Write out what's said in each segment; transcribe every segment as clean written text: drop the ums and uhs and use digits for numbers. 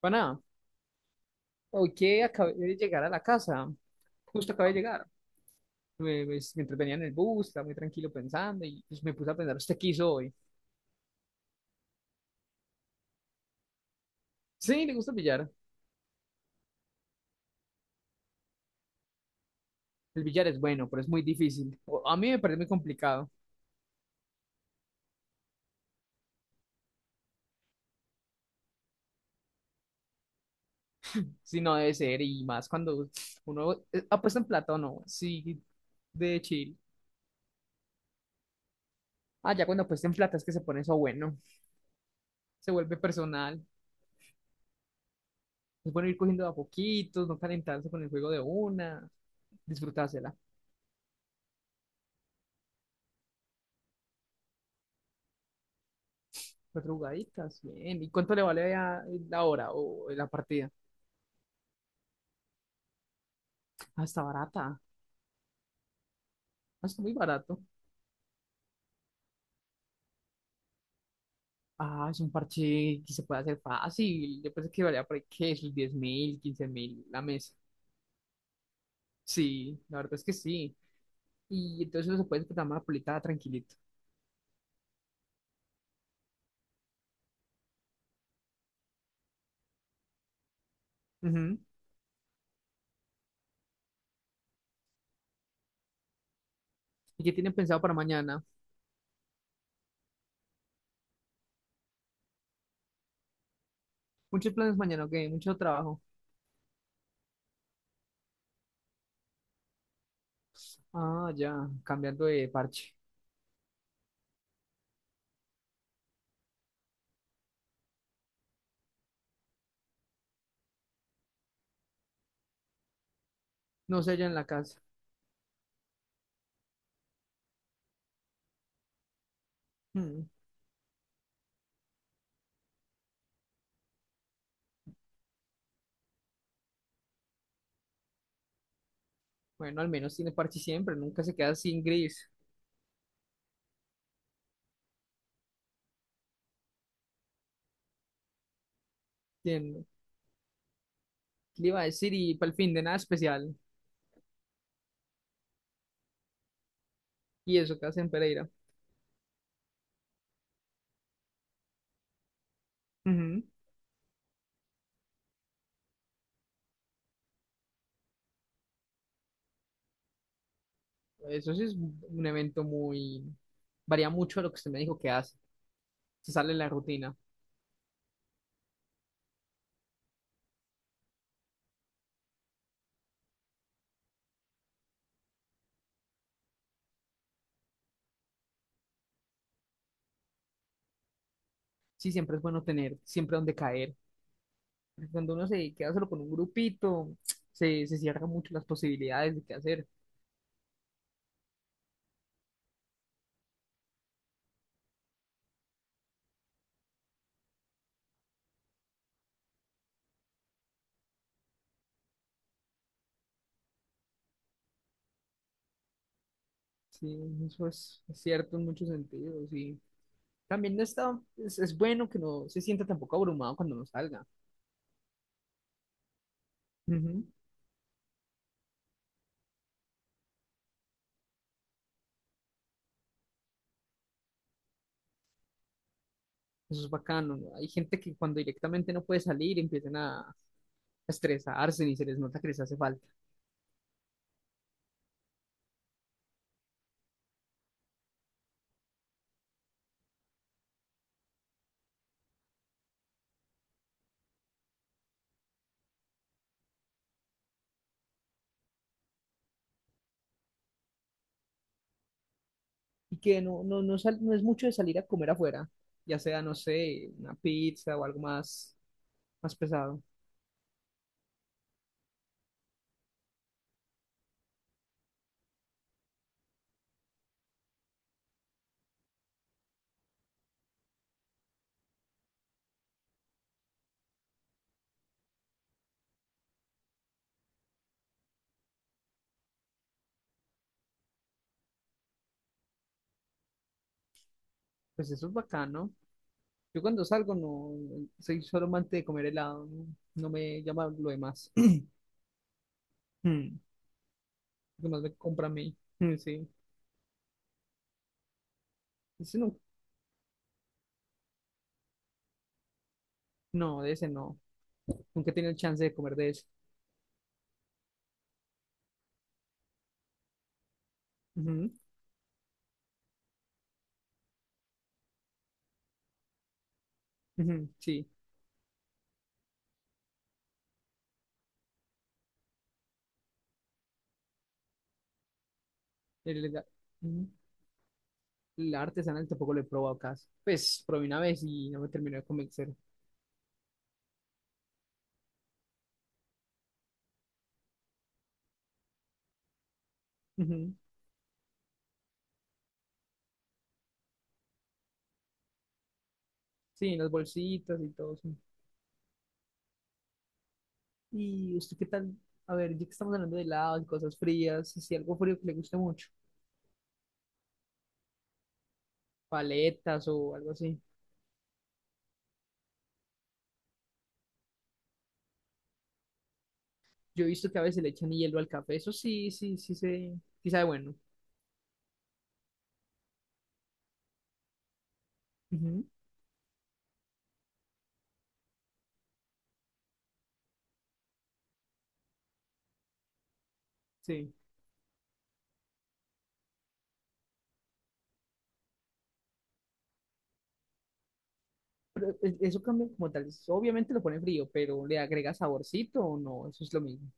Para hoy que acabé de llegar a la casa, justo acabé de llegar. Me entretenía en el bus, estaba muy tranquilo pensando y pues, me puse a pensar, ¿usted qué hizo hoy? Sí, le gusta el billar. El billar es bueno, pero es muy difícil. A mí me parece muy complicado, si no debe ser, y más cuando uno apuesta en plata o no, sí, de chill. Ah, ya cuando apuesta en plata es que se pone eso bueno, se vuelve personal. Es bueno ir cogiendo de a poquitos, no calentarse con el juego de una, disfrutársela. Cuatro jugaditas, bien. ¿Y cuánto le vale la hora o la partida? Ah, está barata. Ah, está muy barato. Ah, es un parche que se puede hacer fácil. Yo pensé que valía por ahí, ¿qué? Sus 10 mil, 15 mil la mesa. Sí, la verdad es que sí. Y entonces uno se puede disfrutar más polita tranquilito. Ujú. ¿Y qué tienen pensado para mañana? Muchos planes mañana, ok, mucho trabajo. Ah, ya, cambiando de parche. No sé, allá en la casa. Mm. Bueno, al menos tiene parche siempre, nunca se queda sin gris. Bien, le iba a decir? Y para el fin de nada especial. Y eso que hace en Pereira. Ujú. Eso sí es un evento muy... Varía mucho de lo que usted me dijo que hace. Se sale de la rutina. Sí, siempre es bueno tener, siempre donde caer. Porque cuando uno se queda solo con un grupito, se cierran mucho las posibilidades de qué hacer. Sí, eso es cierto en muchos sentidos. Y también no está, es bueno que no se sienta tampoco abrumado cuando no salga. Ujú. Eso es bacano, ¿no? Hay gente que cuando directamente no puede salir empiezan a, estresarse ni se les nota que les hace falta. Y que no es mucho de salir a comer afuera, ya sea, no sé, una pizza o algo más, más pesado. Pues eso es bacano. Yo cuando salgo no soy solo amante de comer helado, no, no me llama lo demás. Mm. Lo demás me compra a mí. Mm, sí. Ese no, no, de ese no. Nunca he tenido chance de comer de ese. Ujú, ujú, sí. El, hela- Ujú. La artesanal tampoco lo he probado casi. Pues probé una vez y no me terminó de convencer. Ujú. Sí, en las bolsitas y todo eso. ¿Y usted qué tal? A ver, ya que estamos hablando de helados y cosas frías, si algo frío que le guste mucho, paletas o algo así. Yo he visto que a veces le echan hielo al café, eso sí, sí, sí, se, sí sabe bueno. Ujú, sí. Pero eso cambia como tal. Obviamente lo pone frío, pero ¿le agrega saborcito o no? Eso es lo mismo.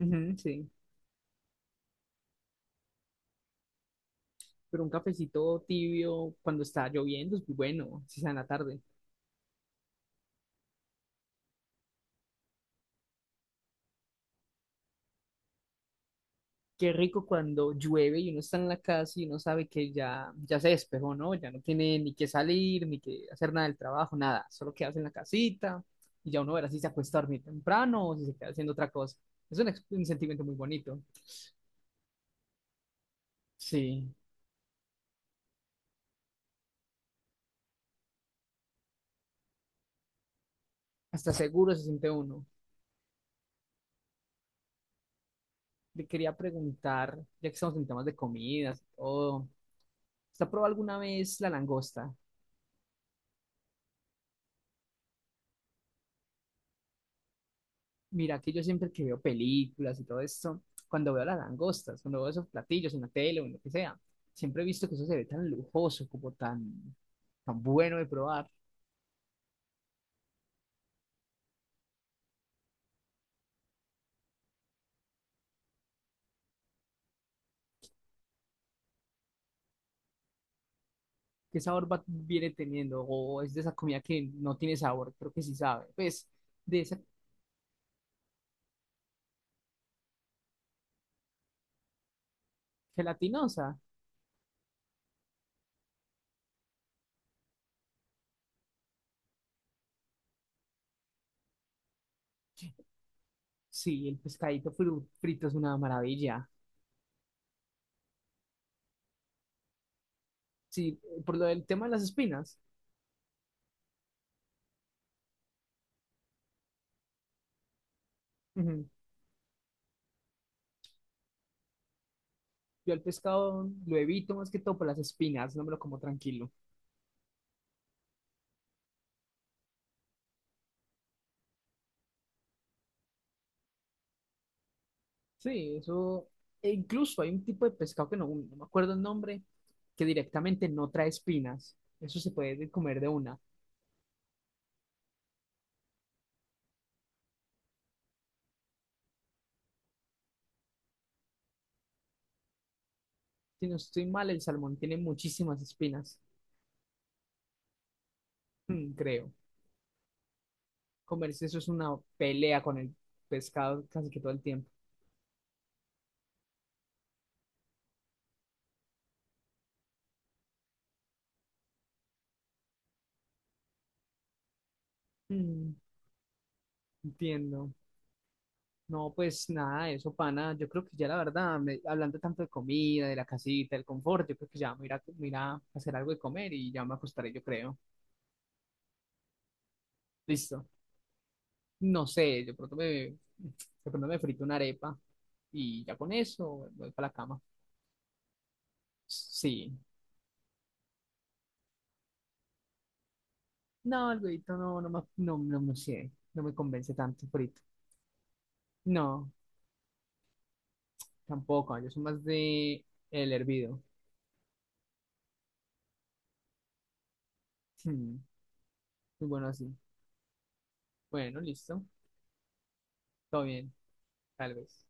Ujú, sí. Pero un cafecito tibio cuando está lloviendo es muy bueno, si sea en la tarde. Qué rico cuando llueve y uno está en la casa y uno sabe que ya, ya se despejó, ¿no? Ya no tiene ni que salir, ni que hacer nada del trabajo, nada. Solo quedarse en la casita y ya uno verá si se acuesta a dormir temprano o si se queda haciendo otra cosa. Es un sentimiento muy bonito. Sí, hasta seguro se siente uno. Le quería preguntar, ya que estamos en temas de comidas y todo, ¿usted ha probado alguna vez la langosta? Mira que yo siempre que veo películas y todo esto, cuando veo las langostas, cuando veo esos platillos en la tele o en lo que sea, siempre he visto que eso se ve tan lujoso, como tan, tan bueno de probar. ¿Qué sabor viene teniendo? O es de esa comida que no tiene sabor, creo que sí sabe. Pues, de esa gelatinosa, sí, el pescadito frito es una maravilla. Sí, por lo del tema de las espinas, ujú. Yo el pescado lo evito más que todo por las espinas, no me lo como tranquilo. Sí, eso. E incluso hay un tipo de pescado que no, no me acuerdo el nombre, que directamente no trae espinas. Eso se puede comer de una. Si no estoy mal, el salmón tiene muchísimas espinas. Mm, creo. Comerse eso es una pelea con el pescado casi que todo el tiempo. Mm, entiendo. No, pues nada, de eso, pana. Yo creo que ya la verdad, hablando tanto de comida, de la casita, del confort, yo creo que ya me irá a hacer algo de comer y ya me acostaré, yo creo. Listo. No sé, de pronto me frito una arepa y ya con eso voy para la cama. Sí. No, el huevito no, no me convence tanto frito. No, tampoco, yo soy más de el hervido. Hmm, muy bueno así. Bueno, listo. Todo bien, tal vez.